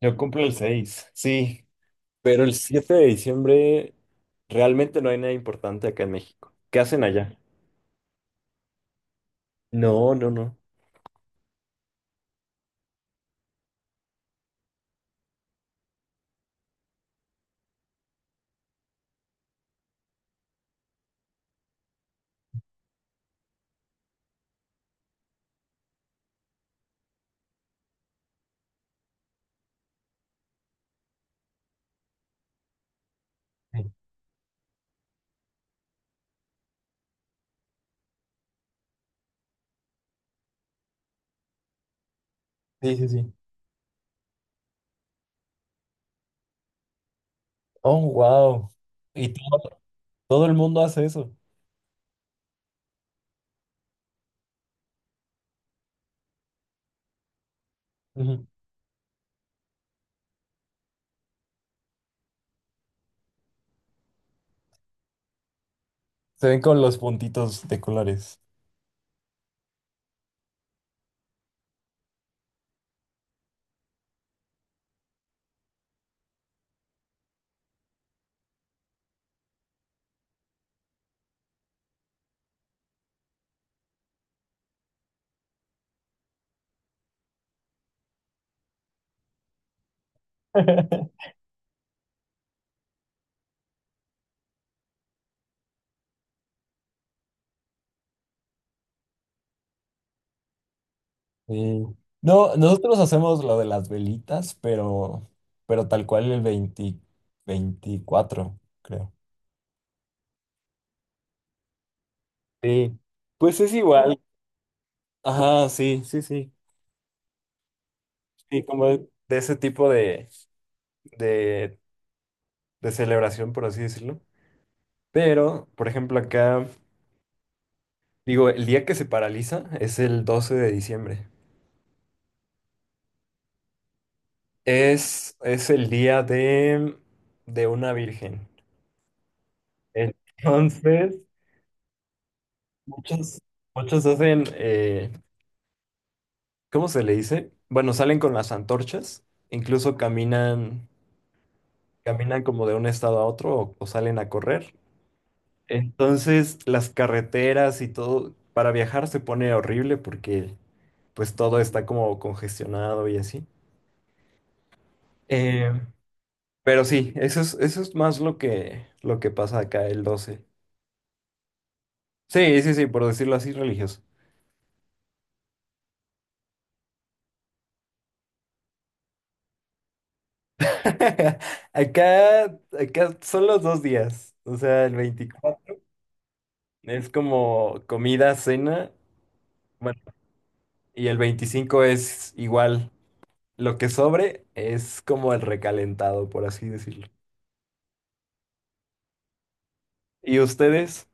Yo cumplo el 6, sí, pero el 7 de diciembre realmente no hay nada importante acá en México. ¿Qué hacen allá? No, no, no. Sí, sí, sí. Sí. Oh, wow. Y todo, todo el mundo hace eso. Ujú. Se ven con los puntitos de colores. Sí. No, nosotros hacemos lo de las velitas, pero tal cual el 20 veinticuatro, creo. Sí, pues es igual. Ajá, sí, sí, sí. Sí, como de ese tipo de, de celebración, por así decirlo. Pero, por ejemplo, acá, digo, el día que se paraliza es el 12 de diciembre. Es el día de una virgen. Entonces, muchos, muchos hacen, ¿cómo se le dice? Bueno, salen con las antorchas, incluso caminan como de un estado a otro, o salen a correr. Entonces, las carreteras y todo, para viajar se pone horrible porque pues todo está como congestionado y así. Eh, pero sí, eso es más lo que pasa acá el 12. Sí, sí, sí, por decirlo así, religioso. Acá son los dos días, o sea, el 24 es como comida, cena, bueno, y el 25 es igual, lo que sobre es como el recalentado, por así decirlo. ¿Y ustedes?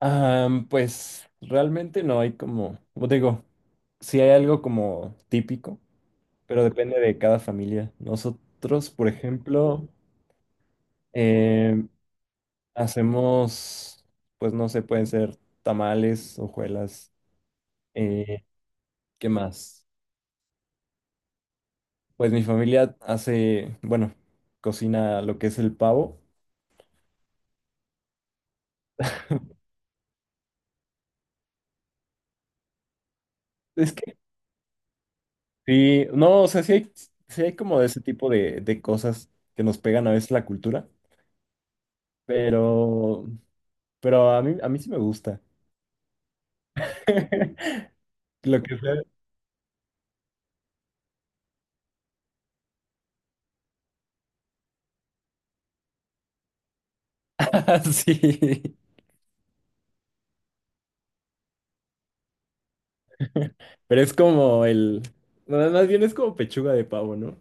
Ah, pues realmente no hay como, te digo, sí hay algo como típico, pero depende de cada familia. Nosotros, por ejemplo, eh, hacemos, pues no sé, pueden ser tamales, hojuelas, eh, ¿qué más? Pues mi familia hace, bueno, cocina lo que es el pavo. Es que sí, no, o sea, sí hay como de ese tipo de cosas que nos pegan a veces la cultura, pero Pero a mí sí me gusta. Lo que sea. Sí. Pero es como el. No, más bien es como pechuga de pavo, ¿no?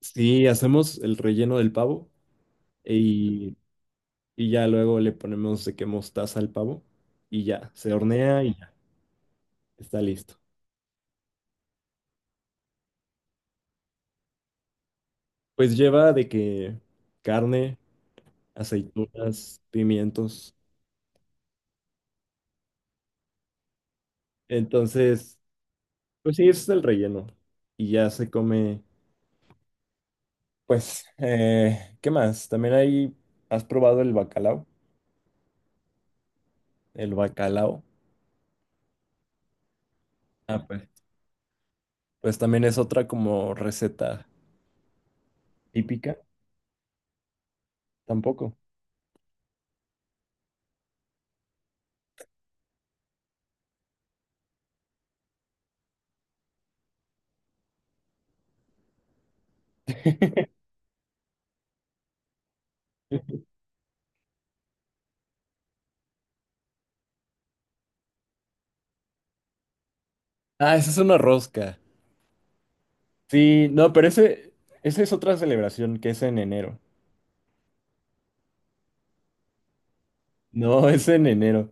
Sí, hacemos el relleno del pavo y, y ya luego le ponemos de que mostaza al pavo y ya, se hornea y ya, está listo. Pues lleva de que carne, aceitunas, pimientos. Entonces, pues sí, ese es el relleno. Y ya se come. Pues, ¿qué más? También ahí has probado el bacalao. El bacalao. Ah, pues también es otra como receta típica. Tampoco. Ah, esa es una rosca. Sí, no, pero esa es otra celebración, que es en enero. No, es en enero.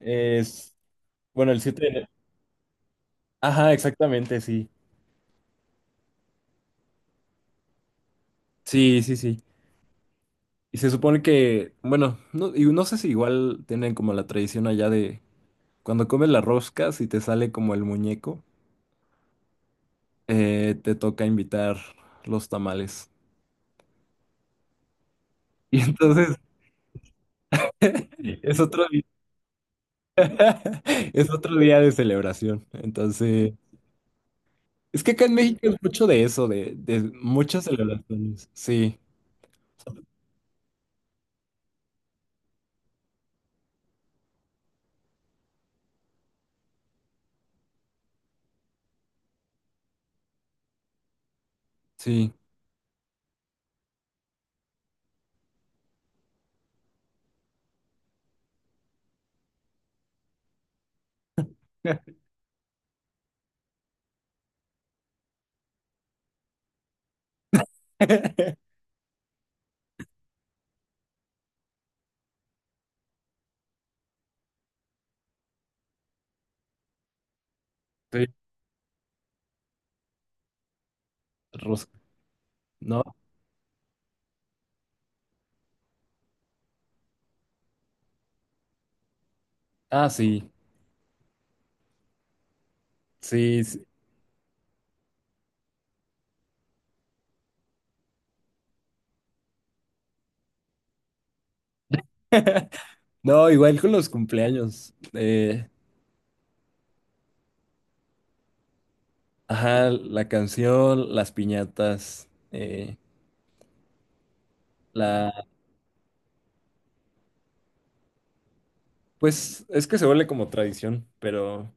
Es, bueno, el 7 de enero. Ajá, exactamente, sí. Sí, sí, sí. Y se supone que, bueno, no, y no sé si igual tienen como la tradición allá de cuando comes la rosca, si te sale como el muñeco. Te toca invitar los tamales. Y entonces es otro día, es otro día de celebración. Entonces, es que acá en México es mucho de eso, de muchas celebraciones. Sí, sí. Sí, rosca, ¿no? Ah, sí, sí, sí. No, igual con los cumpleaños. Ajá, la canción, las piñatas, eh, la... Pues es que se vuelve como tradición, pero...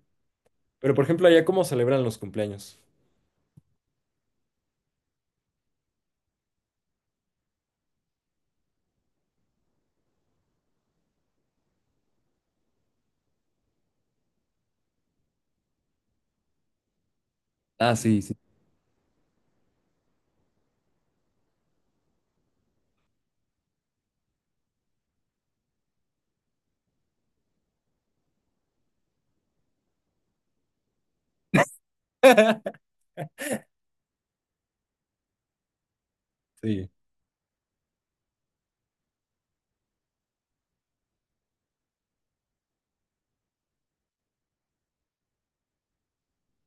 Pero, por ejemplo, allá cómo celebran los cumpleaños. Ah, sí, sí. Sí.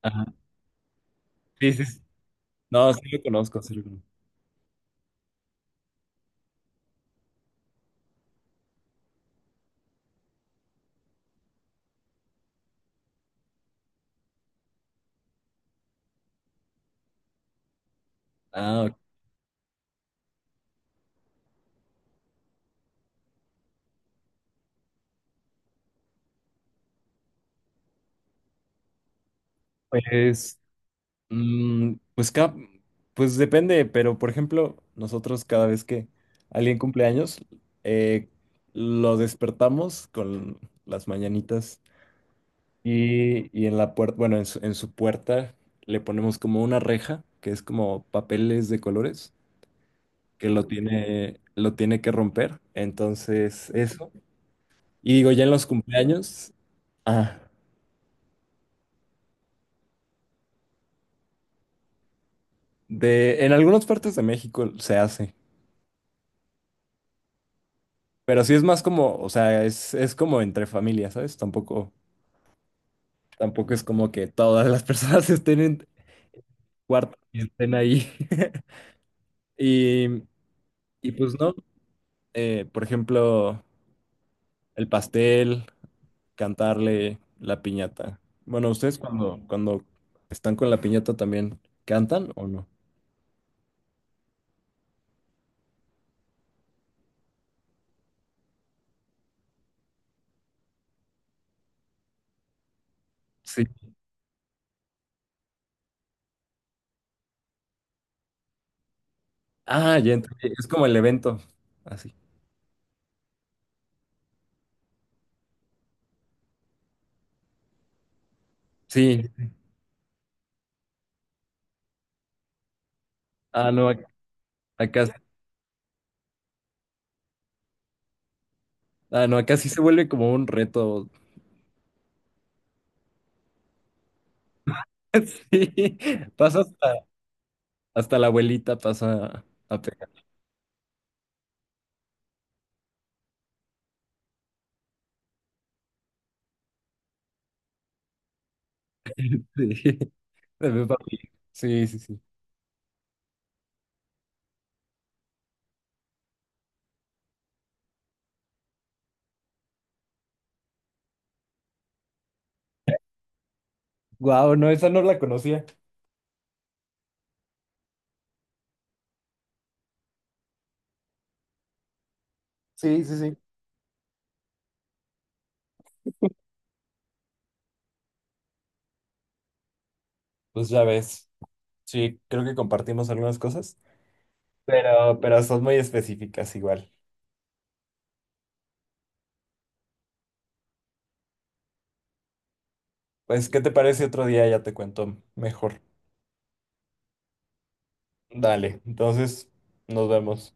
Ajá. Sí, sí. sí. No, sí lo conozco, sí lo conozco. Ah, ok. Pues, mm, pues, ca- pues depende, pero por ejemplo, nosotros cada vez que alguien cumpleaños, eh, lo despertamos con las mañanitas y en la puerta, bueno, en su puerta le ponemos como una reja, que es como papeles de colores. Que lo tiene que romper. Entonces, eso. Y digo, ya en los cumpleaños, ah, de, en algunas partes de México se hace, pero sí es más como, o sea, es como entre familias, ¿sabes? Tampoco, tampoco es como que todas las personas estén en cuarto y estén ahí. Y, y pues no, por ejemplo, el pastel, cantarle la piñata. Bueno, ¿ustedes cuando, cuando están con la piñata también cantan o no? Sí. Ah, ya entendí. Es como el evento. Así. Sí. Ah, no, ac- acá, ah, no, acá sí se vuelve como un reto. Sí. Pasa hasta, hasta la abuelita, pasa a pegar. Sí. De Peppa Pig. Sí, sí, sí. Guau, no, esa no la conocía. Sí, sí, sí. Pues ya ves. Sí, creo que compartimos algunas cosas. Pero son muy específicas igual. Pues, ¿qué te parece otro día? Ya te cuento mejor. Dale, entonces nos vemos.